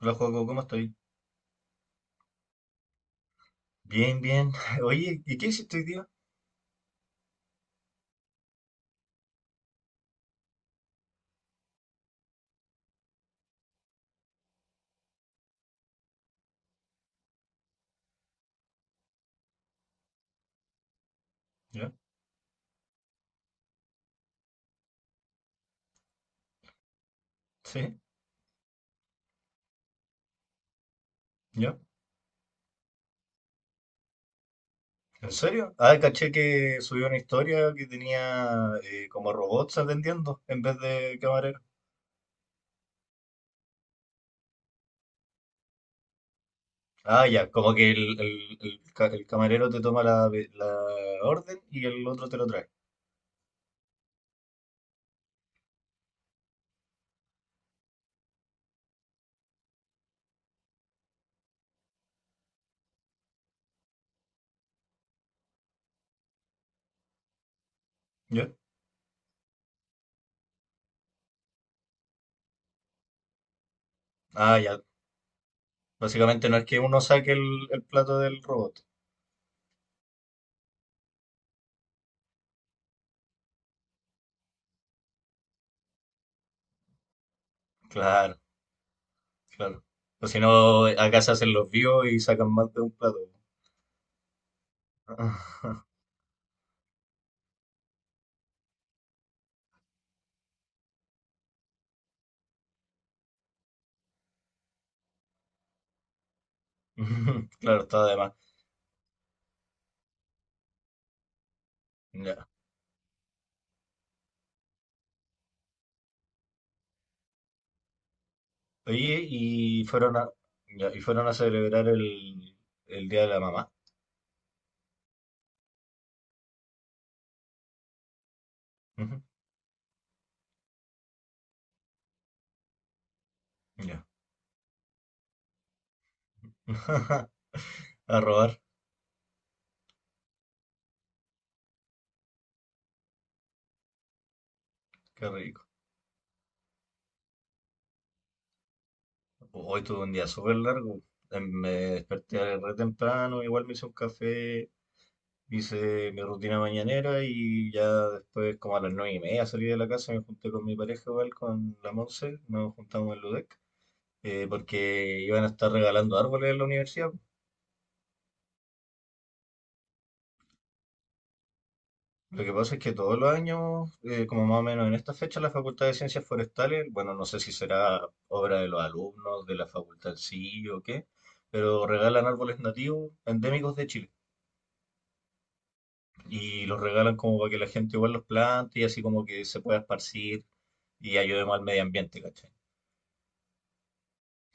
Hola, Joaco, ¿cómo estoy? Bien, bien. Oye, ¿y qué hiciste hoy día? ¿Ya? ¿Sí? ¿Ya? ¿En serio? Ah, caché que subió una historia que tenía como robots atendiendo en vez de camarero. Ah, ya, como que el camarero te toma la, la orden y el otro te lo trae. ¿Ya? Ah, ya. Básicamente no es que uno saque el plato del robot. Claro, claro. O si no, acá se hacen los vivos y sacan más de un plato. Claro, está de más. Oye, y fueron a, ya, y fueron a celebrar el Día de la Mamá. Ujú. Ya. A robar, qué rico. Hoy tuve un día súper largo. Me desperté re temprano, igual me hice un café, hice mi rutina mañanera y ya después, como a las nueve y media, salí de la casa, me junté con mi pareja igual, con la Monse, nos juntamos en Ludec, porque iban a estar regalando árboles en la universidad. Lo que pasa es que todos los años, como más o menos en esta fecha, la Facultad de Ciencias Forestales, bueno, no sé si será obra de los alumnos, de la facultad en sí o qué, pero regalan árboles nativos endémicos de Chile. Y los regalan como para que la gente igual los plante y así como que se pueda esparcir y ayudemos al medio ambiente, ¿cachai?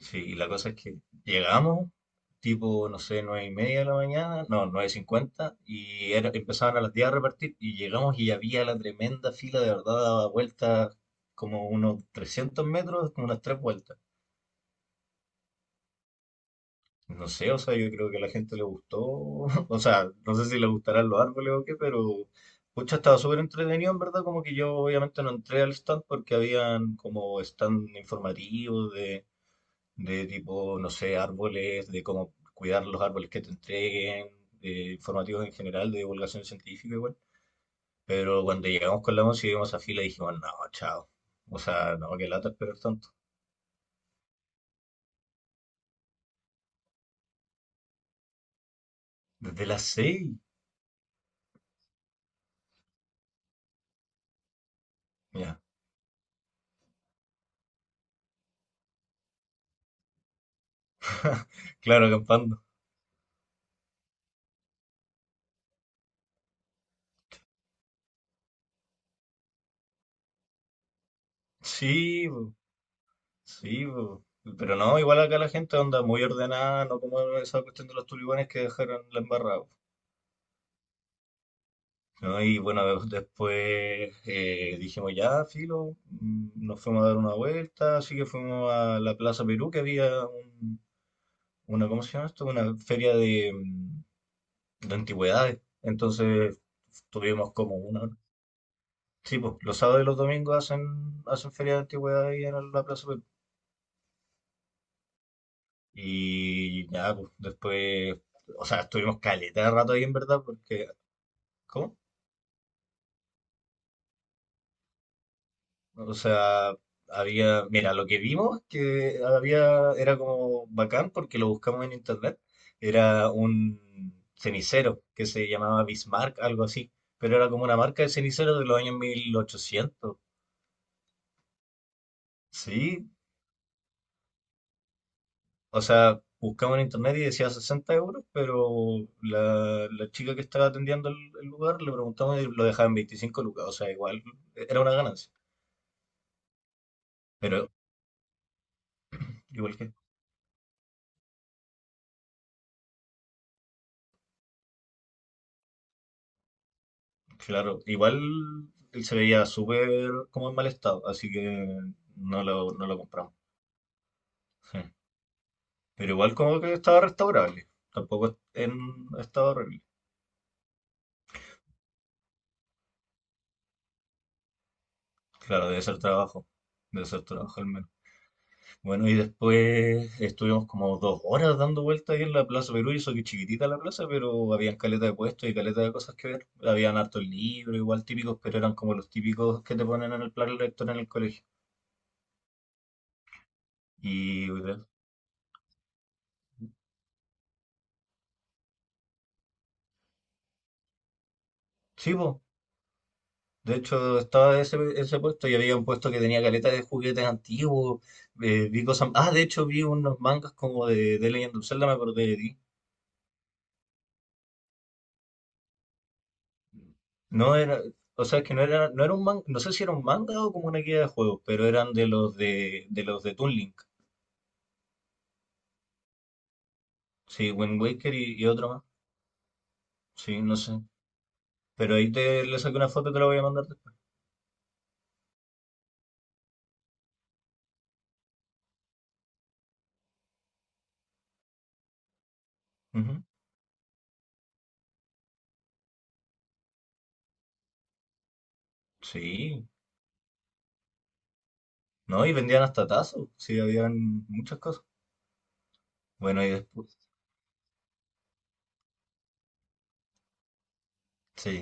Sí, y la cosa es que llegamos, tipo, no sé, nueve y media de la mañana, no, nueve cincuenta, empezaban a las 10 a repartir, y llegamos y había la tremenda fila, de verdad, daba vueltas como unos 300 metros, como unas tres vueltas. No sé, o sea, yo creo que a la gente le gustó, o sea, no sé si le gustarán los árboles o qué, pero, pucha, estaba súper entretenido, en verdad, como que yo obviamente no entré al stand porque habían como stand informativos de tipo, no sé, árboles, de cómo cuidar los árboles que te entreguen, informativos en general, de divulgación científica igual. Pero cuando llegamos con la once y vimos a fila, dijimos, no, chao. O sea, no, qué lata esperar tanto. Desde las seis, ya. Claro, acampando. Sí, po, sí, po. Pero no, igual acá la gente anda muy ordenada, no como esa cuestión de los tulibanes que dejaron la embarrada. ¿No? Y bueno, después dijimos, ya, filo, mm, nos fuimos a dar una vuelta, así que fuimos a la Plaza Perú, que una, ¿cómo se llama esto? Una feria de, mm, de antigüedades. Entonces tuvimos como una... Sí, pues, los sábados y los domingos hacen feria de antigüedades ahí en la Plaza Perú. Y ya, pues, después, o sea, estuvimos caleta de rato ahí en verdad, porque... ¿Cómo? O sea, había, mira, lo que vimos que había era como bacán porque lo buscamos en internet. Era un cenicero que se llamaba Bismarck, algo así, pero era como una marca de ceniceros de los años mil ochocientos. Sí, o sea, buscamos en internet y decía 60 euros, pero la chica que estaba atendiendo el lugar le preguntamos y lo dejaban 25 lucas, o sea, igual era una ganancia, pero igual. Claro, igual él se veía súper como en mal estado, así que no lo compramos. Sí. Pero igual como que estaba restaurable, tampoco en estado horrible. Claro, debe ser trabajo al menos. Bueno, y después estuvimos como dos horas dando vueltas ahí en la Plaza Perú, y eso que chiquitita la plaza, pero habían caleta de puestos y caleta de cosas que ver. Habían hartos libros, igual típicos, pero eran como los típicos que te ponen en el plan lector en el colegio. Y sí, pues, de hecho, estaba ese puesto y había un puesto que tenía caleta de juguetes antiguos. Vi cosas. Ah, de hecho, vi unos mangas como de Legend of Zelda, me acordé de ti. No era. O sea, es que no era, no era un manga. No sé si era un manga o como una guía de juegos, pero eran de los de Toon Link. Sí, Wind Waker y otro más. Sí, no sé. Pero ahí te le saqué una foto y te la voy a mandar después. Ujú. Sí. No, y vendían hasta tazos. Sí, habían muchas cosas. Bueno, y después. Sí.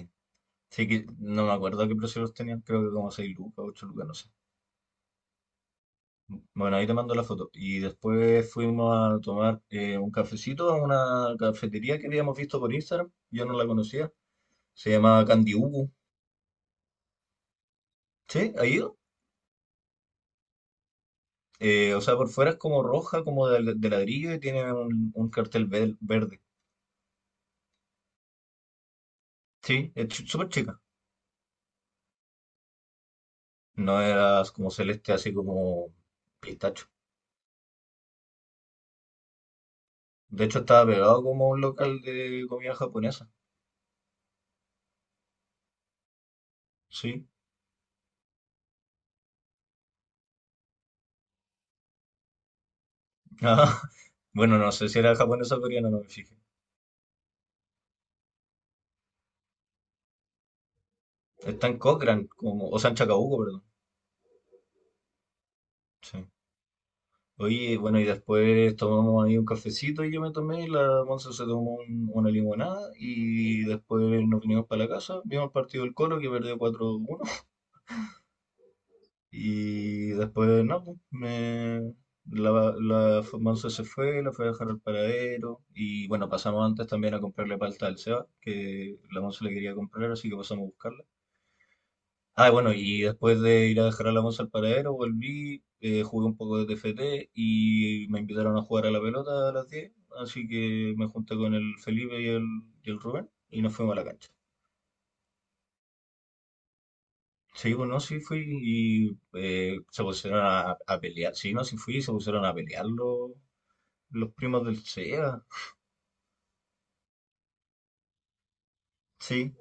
Sí que no me acuerdo qué precios tenían, creo que como 6 lucas, 8 lucas, no sé. Bueno, ahí te mando la foto. Y después fuimos a tomar un cafecito a una cafetería que habíamos visto por Instagram. Yo no la conocía. Se llama Candy Ubu. ¿Sí? ¿Ha ido? O sea, por fuera es como roja, como de ladrillo y tiene un cartel verde. Sí, es súper chica. No, era como celeste, así como pistacho. De hecho, estaba pegado como a un local de comida japonesa. Sí. Ah, bueno, no sé si era japonesa o coreana, no me fijé. Está en Cochrane, como, o sea, en Chacabuco, perdón. Sí. Oye, bueno, y después tomamos ahí un cafecito y yo me tomé, la Monza se tomó una limonada y después nos vinimos para la casa, vimos el partido del Colo que perdió cuatro uno y después, no, pues, me, Monza se fue, la fue a dejar al paradero y bueno, pasamos antes también a comprarle palta al Seba, que la Monza le quería comprar, así que pasamos a buscarla. Ah, bueno, y después de ir a dejar a la moza al paradero, volví, jugué un poco de TFT y me invitaron a jugar a la pelota a las 10, así que me junté con el Felipe y el Rubén y nos fuimos a la cancha. Sí, bueno, sí fui y se pusieron a pelear, sí, no, sí fui y se pusieron a pelear los primos del SEA. Sí,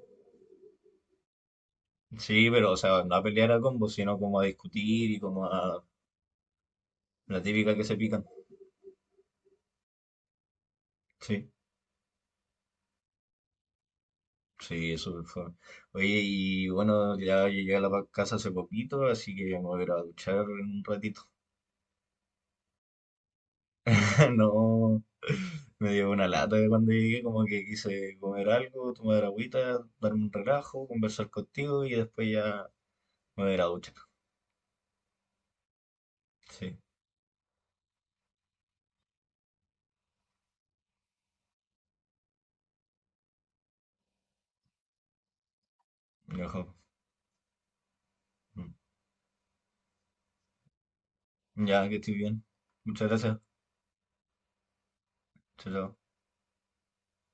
sí, pero o sea, no a pelear a combo, sino como a discutir y como a la típica que se pican. Sí. Sí, es súper fome. Oye, y bueno, ya llegué a la casa hace poquito, así que me voy a ir a duchar en un ratito. No, me dio una lata de cuando llegué, como que quise comer algo, tomar agüita, darme un relajo, conversar contigo y después ya me voy a ir a duchar. Sí, mejor. Mm. Ya que estoy bien. Muchas gracias. Chao, chao.